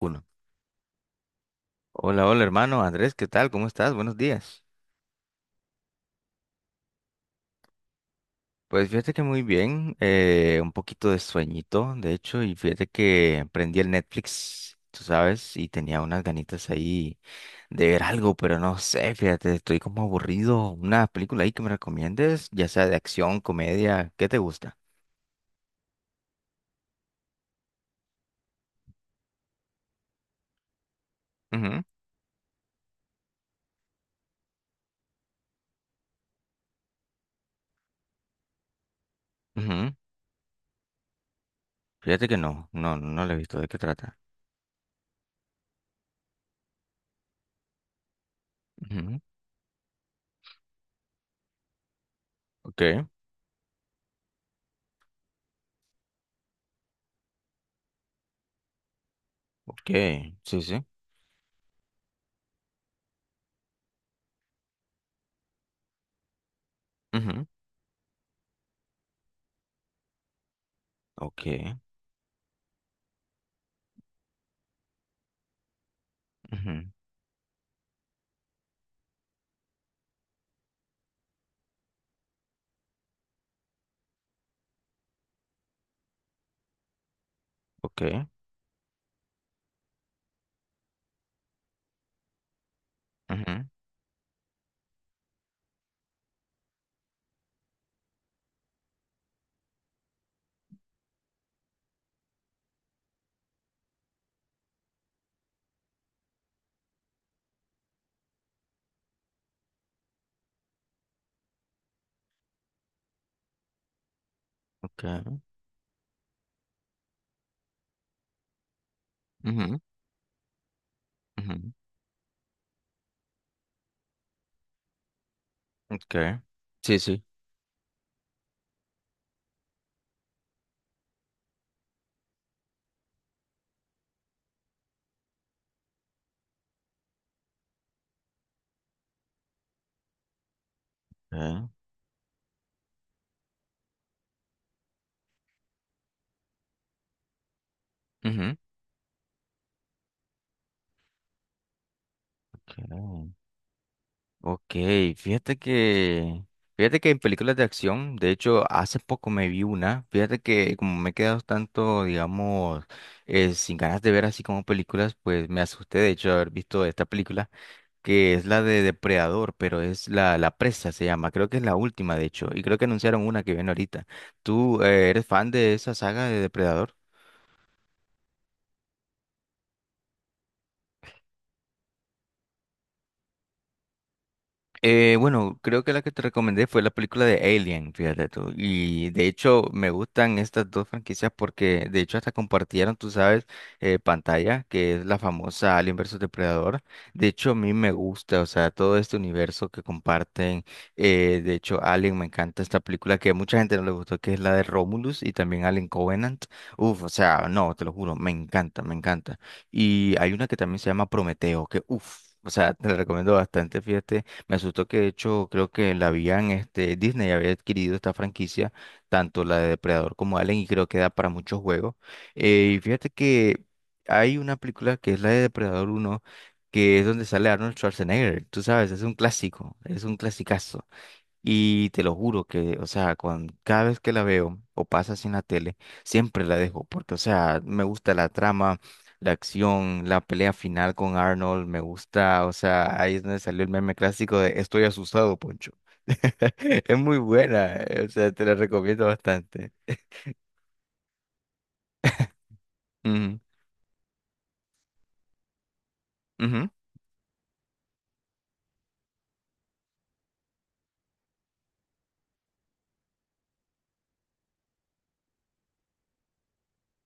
Uno. Hola, hola hermano Andrés, ¿qué tal? ¿Cómo estás? Buenos días. Pues fíjate que muy bien, un poquito de sueñito, de hecho, y fíjate que prendí el Netflix, tú sabes, y tenía unas ganitas ahí de ver algo, pero no sé, fíjate, estoy como aburrido. Una película ahí que me recomiendes, ya sea de acción, comedia, ¿qué te gusta? Ujú, ujú. Fíjate que no, no, no la he visto, ¿de qué trata? Ujú. Ok, ok, sí, sí. Ujú. Ok, ujú, ok, ujú, ok. Ujú, ujú. Okay. Sí, sí. Ah, ujú. Okay. Ok, fíjate que en películas de acción, de hecho, hace poco me vi una, fíjate que como me he quedado tanto, digamos, sin ganas de ver así como películas, pues me asusté de hecho de haber visto esta película, que es la de Depredador, pero es la, la presa, se llama, creo que es la última, de hecho, y creo que anunciaron una que viene ahorita. ¿Tú eres fan de esa saga de Depredador? Bueno, creo que la que te recomendé fue la película de Alien, fíjate tú. Y de hecho me gustan estas dos franquicias porque de hecho hasta compartieron, tú sabes, pantalla, que es la famosa Alien versus Depredador. De hecho a mí me gusta, o sea, todo este universo que comparten. De hecho Alien, me encanta esta película que a mucha gente no le gustó, que es la de Romulus y también Alien Covenant. Uf, o sea, no, te lo juro, me encanta, me encanta. Y hay una que también se llama Prometeo, que uf. O sea, te la recomiendo bastante, fíjate me asustó que de hecho creo que la habían, este, Disney había adquirido esta franquicia, tanto la de Depredador como Alien, y creo que da para muchos juegos. Y fíjate que hay una película que es la de Depredador uno que es donde sale Arnold Schwarzenegger, tú sabes, es un clásico, es un clasicazo. Y te lo juro que, o sea, cuando, cada vez que la veo o pasa así en la tele, siempre la dejo, porque, o sea, me gusta la trama, la acción, la pelea final con Arnold, me gusta, o sea, ahí es donde salió el meme clásico de Estoy asustado, Poncho. Es muy buena, o sea, te la recomiendo bastante. Ujú, ujú.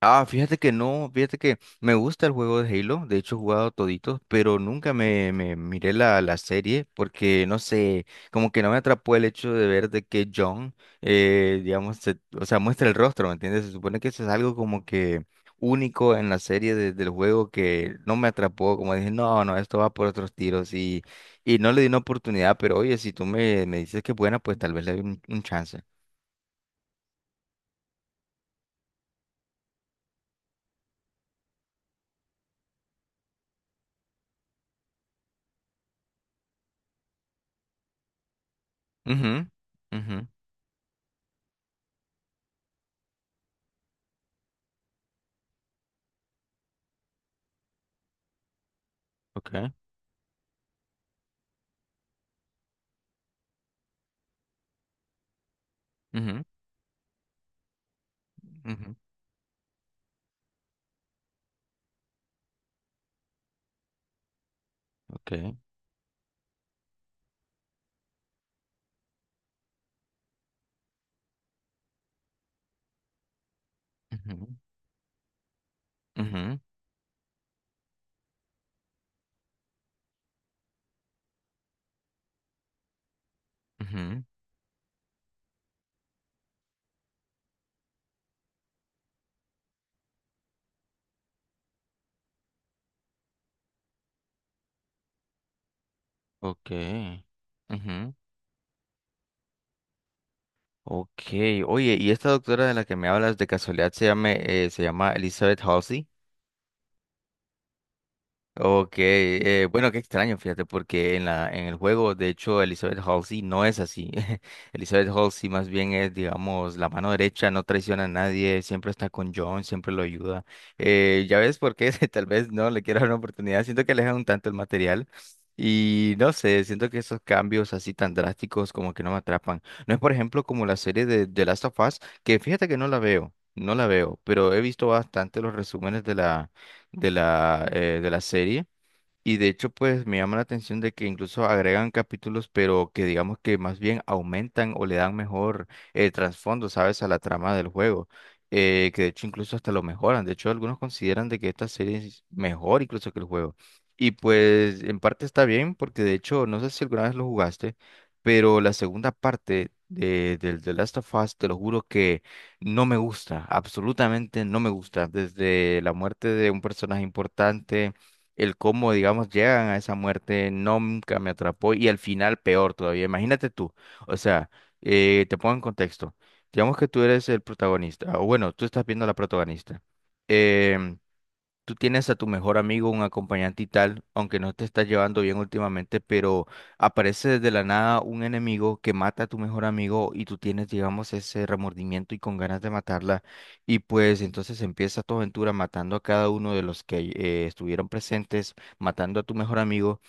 Ah, fíjate que no, fíjate que me gusta el juego de Halo, de hecho he jugado toditos, pero nunca me miré la serie porque no sé, como que no me atrapó el hecho de ver de que John, digamos, o sea, muestra el rostro, ¿me entiendes? Se supone que eso es algo como que único en la serie del juego que no me atrapó, como dije, no, no, esto va por otros tiros y no le di una oportunidad, pero oye, si tú me dices que es buena, pues tal vez le doy un chance. Mhm, mhm, okay, mhm, mhm, ok. Ujú, ujú, ujú. Ok. Ujú. Ok. Oye, ¿y esta doctora de la que me hablas de casualidad se llama Elizabeth Halsey? Ok, bueno, qué extraño, fíjate, porque en la, en el juego, de hecho, Elizabeth Halsey no es así. Elizabeth Halsey más bien es, digamos, la mano derecha, no traiciona a nadie, siempre está con John, siempre lo ayuda. Ya ves por qué tal vez no le quiero dar una oportunidad, siento que alejan un tanto el material y no sé, siento que esos cambios así tan drásticos como que no me atrapan. No es, por ejemplo, como la serie de The Last of Us, que fíjate que no la veo, no la veo, pero he visto bastante los resúmenes de la de la serie. Y de hecho, pues me llama la atención de que incluso agregan capítulos, pero que digamos que más bien aumentan o le dan mejor trasfondo, ¿sabes? A la trama del juego. Que de hecho incluso hasta lo mejoran. De hecho, algunos consideran de que esta serie es mejor incluso que el juego. Y pues en parte está bien, porque de hecho, no sé si alguna vez lo jugaste, pero la segunda parte de, del The Last of Us, te lo juro que no me gusta, absolutamente no me gusta. Desde la muerte de un personaje importante el cómo, digamos, llegan a esa muerte nunca me atrapó y al final peor todavía. Imagínate tú, o sea, te pongo en contexto. Digamos que tú eres el protagonista, o bueno, tú estás viendo a la protagonista. Em, Tú tienes a tu mejor amigo, un acompañante y tal, aunque no te estás llevando bien últimamente, pero aparece desde la nada un enemigo que mata a tu mejor amigo y tú tienes, digamos, ese remordimiento y con ganas de matarla. Y pues entonces empieza tu aventura matando a cada uno de los que estuvieron presentes, matando a tu mejor amigo.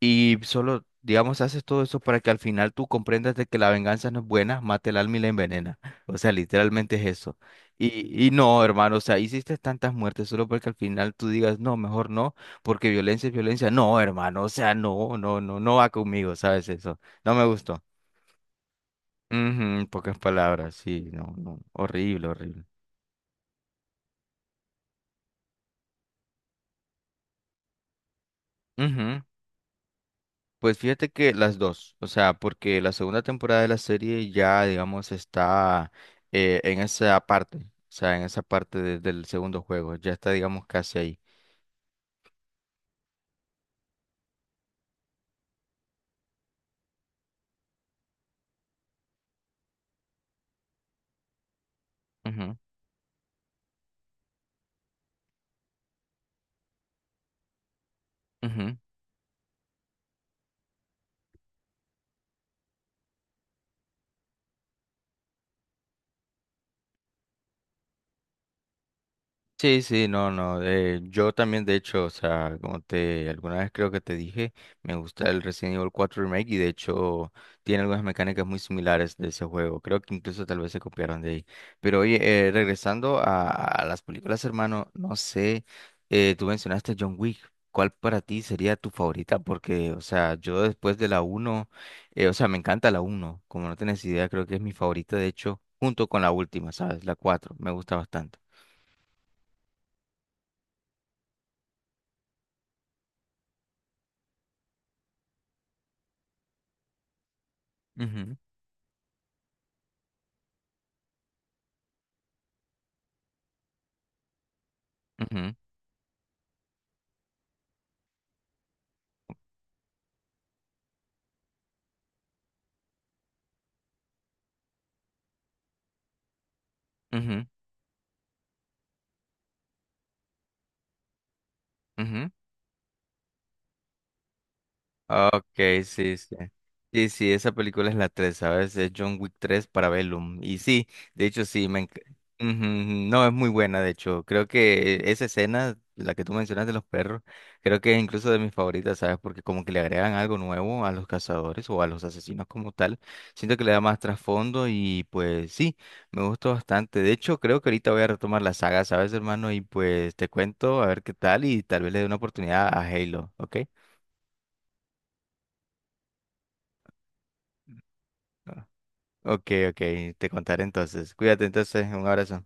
Y solo, digamos, haces todo eso para que al final tú comprendas de que la venganza no es buena, mata el alma y la envenena. O sea, literalmente es eso. Y no, hermano, o sea, hiciste tantas muertes solo porque al final tú digas, no, mejor no, porque violencia es violencia. No, hermano, o sea, no, no, no, no va conmigo, ¿sabes eso? No me gustó. Ujú, en pocas palabras, sí, no, no, horrible, horrible. Pues fíjate que las dos, o sea, porque la segunda temporada de la serie ya, digamos, está en esa parte, o sea, en esa parte del segundo juego, ya está, digamos, casi ahí. Ujú, ujú. Sí, sí, no, no. Yo también, de hecho, o sea, como te alguna vez creo que te dije, me gusta el Resident Evil 4 Remake y de hecho tiene algunas mecánicas muy similares de ese juego. Creo que incluso tal vez se copiaron de ahí. Pero oye, regresando a las películas, hermano, no sé, tú mencionaste John Wick. ¿Cuál para ti sería tu favorita? Porque, o sea, yo después de la uno, o sea, me encanta la uno. Como no tienes idea, creo que es mi favorita, de hecho, junto con la última, ¿sabes? La 4. Me gusta bastante. Ujú, ujú, ujú. Ok, sí, sí. Sí, sí, esa película es la 3, ¿sabes? Es John Wick tres para Bellum. Y sí, de hecho sí, Ujú. No, es muy buena, de hecho. Creo que esa escena, la que tú mencionas de los perros, creo que es incluso de mis favoritas, ¿sabes? Porque como que le agregan algo nuevo a los cazadores o a los asesinos como tal. Siento que le da más trasfondo y pues sí, me gustó bastante. De hecho, creo que ahorita voy a retomar la saga, ¿sabes, hermano? Y pues te cuento a ver qué tal y tal vez le dé una oportunidad a Halo, ¿ok? Ok, ok, te contaré entonces. Cuídate entonces, un abrazo.